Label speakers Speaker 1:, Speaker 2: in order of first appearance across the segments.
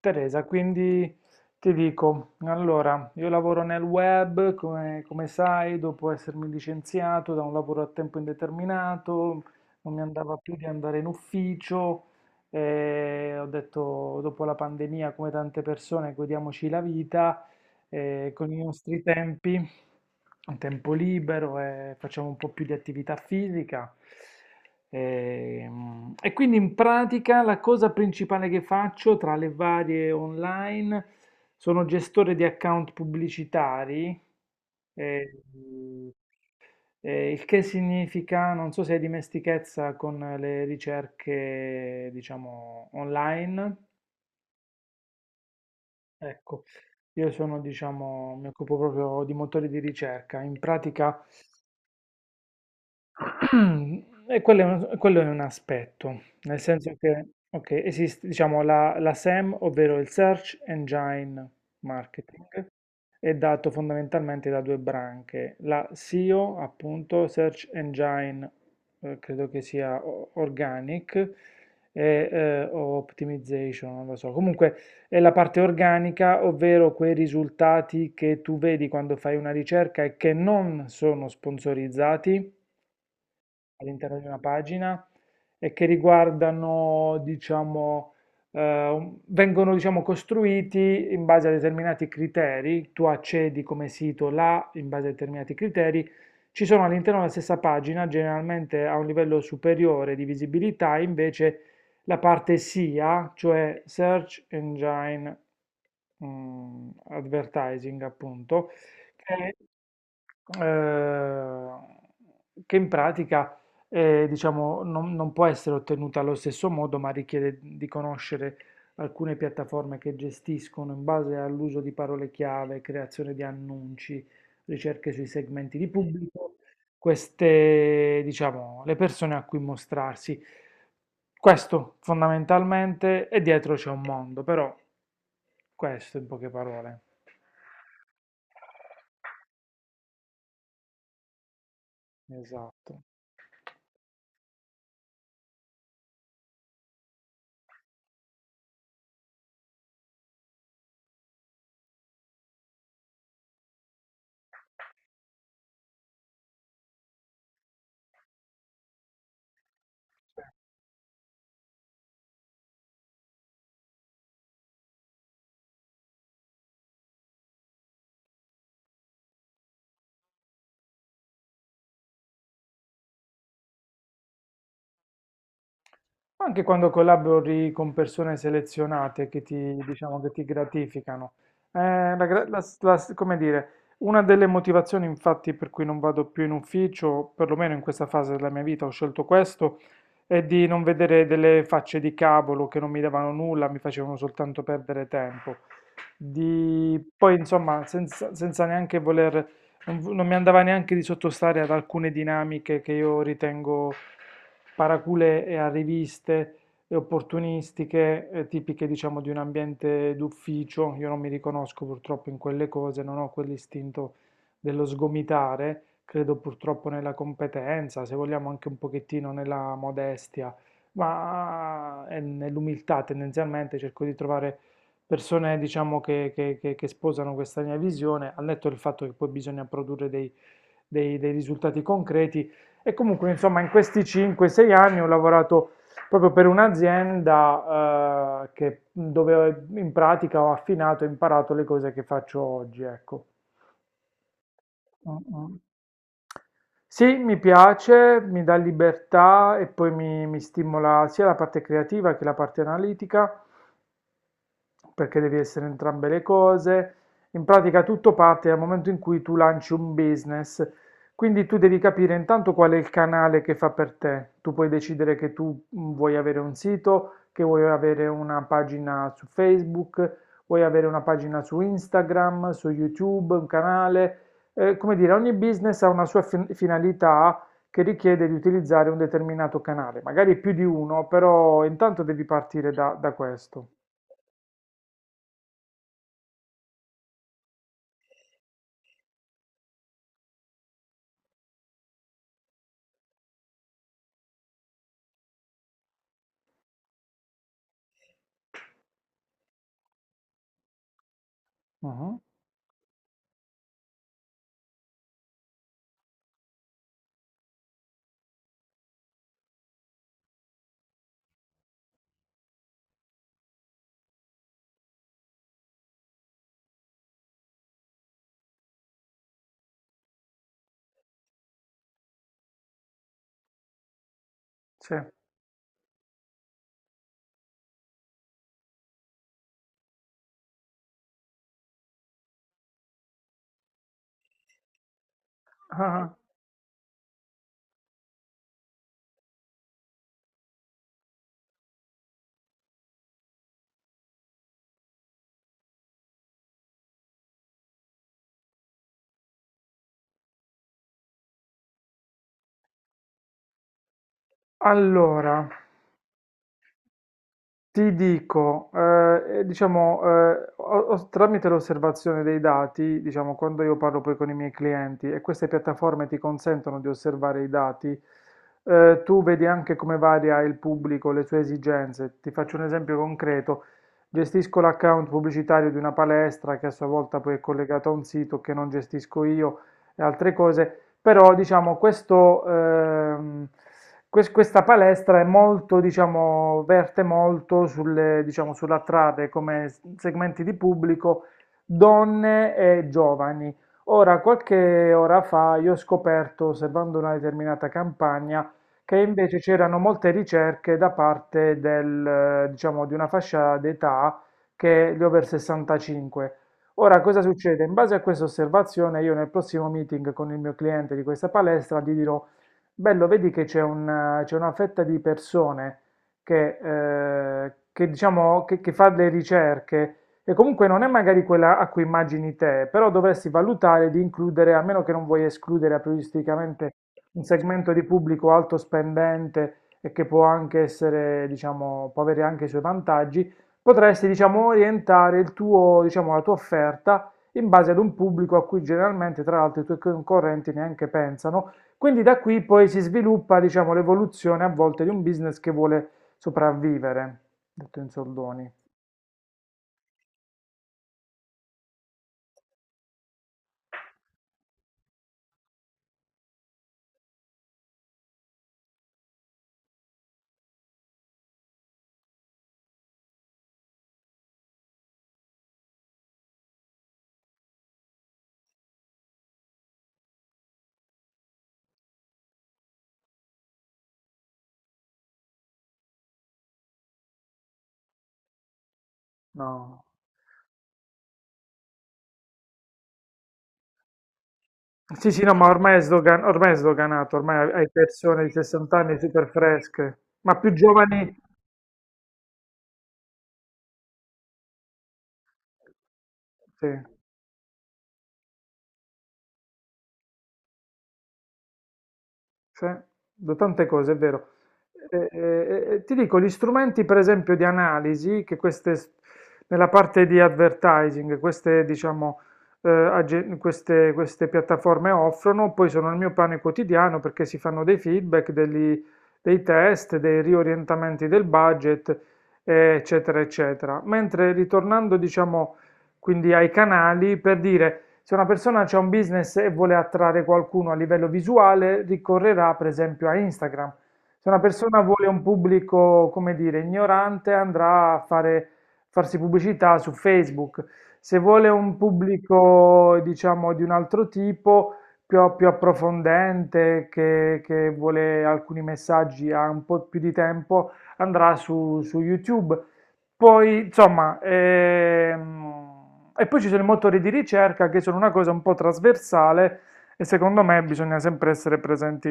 Speaker 1: Teresa, quindi ti dico, allora, io lavoro nel web, come, come sai, dopo essermi licenziato da un lavoro a tempo indeterminato, non mi andava più di andare in ufficio, e ho detto, dopo la pandemia, come tante persone, godiamoci la vita e con i nostri tempi, un tempo libero, e facciamo un po' più di attività fisica. E quindi in pratica la cosa principale che faccio tra le varie online sono gestore di account pubblicitari, e, mm, il che significa, non so se hai dimestichezza con le ricerche, diciamo, online. Ecco, io sono, diciamo, mi occupo proprio di motori di ricerca. In pratica, e quello è un aspetto, nel senso che ok, esiste, diciamo, la SEM, ovvero il Search Engine Marketing, è dato fondamentalmente da due branche, la SEO, appunto, Search Engine, credo che sia Organic, e o Optimization, non lo so. Comunque è la parte organica, ovvero quei risultati che tu vedi quando fai una ricerca e che non sono sponsorizzati all'interno di una pagina e che riguardano, diciamo, eh, vengono, diciamo, costruiti in base a determinati criteri. Tu accedi come sito là in base a determinati criteri. Ci sono all'interno della stessa pagina, generalmente a un livello superiore di visibilità, invece la parte SIA, cioè Search Engine Advertising, appunto, che eh, che in pratica diciamo, non può essere ottenuta allo stesso modo, ma richiede di conoscere alcune piattaforme che gestiscono in base all'uso di parole chiave, creazione di annunci, ricerche sui segmenti di pubblico, queste, diciamo, le persone a cui mostrarsi. Questo fondamentalmente, e dietro c'è un mondo, però questo in poche parole. Esatto. Anche quando collabori con persone selezionate che ti, diciamo, che ti gratificano. Eh, la gra- la s- Come dire, una delle motivazioni, infatti, per cui non vado più in ufficio, perlomeno in questa fase della mia vita, ho scelto questo, è di non vedere delle facce di cavolo che non mi davano nulla, mi facevano soltanto perdere tempo. Di, poi, insomma, senza neanche voler non mi andava neanche di sottostare ad alcune dinamiche che io ritengo paracule e arriviste e opportunistiche, tipiche diciamo di un ambiente d'ufficio. Io non mi riconosco purtroppo in quelle cose, non ho quell'istinto dello sgomitare, credo purtroppo nella competenza, se vogliamo anche un pochettino nella modestia, ma e nell'umiltà tendenzialmente cerco di trovare persone, diciamo, che sposano questa mia visione, al netto del fatto che poi bisogna produrre dei risultati concreti. E comunque, insomma, in questi 5-6 anni ho lavorato proprio per un'azienda, dove in pratica ho affinato e imparato le cose che faccio oggi, ecco. Mm, mm. Sì, mi piace, mi dà libertà e poi mi stimola sia la parte creativa che la parte analitica perché devi essere entrambe le cose. In pratica tutto parte dal momento in cui tu lanci un business, quindi tu devi capire intanto qual è il canale che fa per te. Tu puoi decidere che tu vuoi avere un sito, che vuoi avere una pagina su Facebook, vuoi avere una pagina su Instagram, su YouTube, un canale. Come dire, ogni business ha una sua finalità che richiede di utilizzare un determinato canale, magari più di uno, però intanto devi partire da questo. Mhm. Sì. Ah, allora, ti dico, diciamo, tramite l'osservazione dei dati, diciamo, quando io parlo poi con i miei clienti e queste piattaforme ti consentono di osservare i dati, tu vedi anche come varia il pubblico, le sue esigenze. Ti faccio un esempio concreto. Gestisco l'account pubblicitario di una palestra che a sua volta poi è collegato a un sito che non gestisco io e altre cose. Però diciamo questo, questa palestra è molto, diciamo, verte molto sulle, diciamo, sull'attrarre come segmenti di pubblico donne e giovani. Ora, qualche ora fa io ho scoperto, osservando una determinata campagna, che invece c'erano molte ricerche da parte diciamo, di una fascia d'età che è gli over 65. Ora, cosa succede? In base a questa osservazione, io nel prossimo meeting con il mio cliente di questa palestra gli dirò, bello, vedi che c'è una fetta di persone che, diciamo, che fa le ricerche e comunque non è magari quella a cui immagini te, però dovresti valutare di includere, a meno che non vuoi escludere aprioristicamente un segmento di pubblico alto spendente e che può anche essere, diciamo, può avere anche i suoi vantaggi. Potresti, diciamo, orientare diciamo, la tua offerta in base ad un pubblico a cui generalmente, tra l'altro, i tuoi concorrenti neanche pensano. Quindi da qui poi si sviluppa, diciamo, l'evoluzione a volte di un business che vuole sopravvivere, detto in soldoni. No. Sì, sì, no, ma ormai ormai è sdoganato, ormai hai persone di 60 anni super fresche, ma più giovani, sì. Sì, da tante cose, è vero. E ti dico, gli strumenti per esempio di analisi, nella parte di advertising, queste, diciamo, agen- queste, queste piattaforme offrono, poi sono il mio pane quotidiano perché si fanno dei feedback, dei test, dei riorientamenti del budget, eccetera, eccetera. Mentre ritornando, diciamo, quindi ai canali, per dire se una persona ha un business e vuole attrarre qualcuno a livello visuale, ricorrerà per esempio a Instagram. Se una persona vuole un pubblico, come dire, ignorante, farsi pubblicità su Facebook. Se vuole un pubblico, diciamo, di un altro tipo, più approfondente, che vuole alcuni messaggi, ha un po' più di tempo, andrà su YouTube. Poi, insomma, e poi ci sono i motori di ricerca che sono una cosa un po' trasversale e secondo me bisogna sempre essere presenti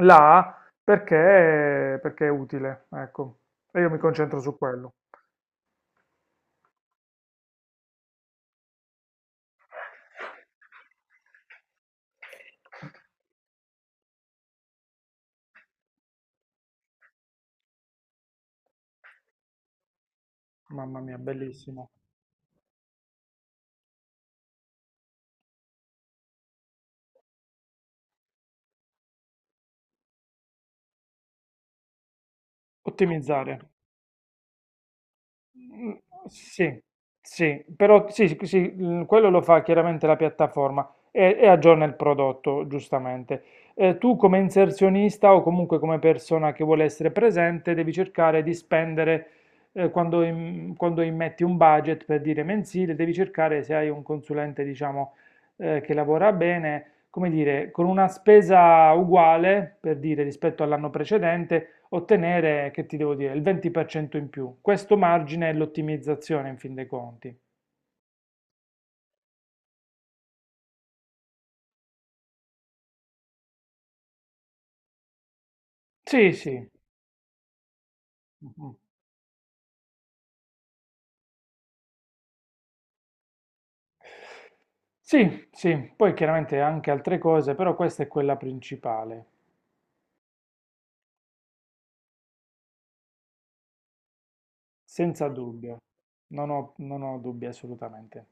Speaker 1: là perché, perché è utile, ecco. E io mi concentro su quello. Mamma mia, bellissimo. Ottimizzare. Mm, sì, sì, però sì, sì, sì, mm, quello lo fa chiaramente la piattaforma e aggiorna il prodotto, giustamente. Tu come inserzionista o comunque come persona che vuole essere presente, devi cercare di spendere, quando immetti un budget per dire mensile, devi cercare se hai un consulente, diciamo, che lavora bene come dire, con una spesa uguale, per dire, rispetto all'anno precedente, ottenere, che ti devo dire, il 20% in più. Questo margine è l'ottimizzazione in fin dei conti. Sì, sì. Mhm. Sì, sì, poi chiaramente anche altre cose, però questa è quella principale, senza dubbio. Non ho dubbi assolutamente.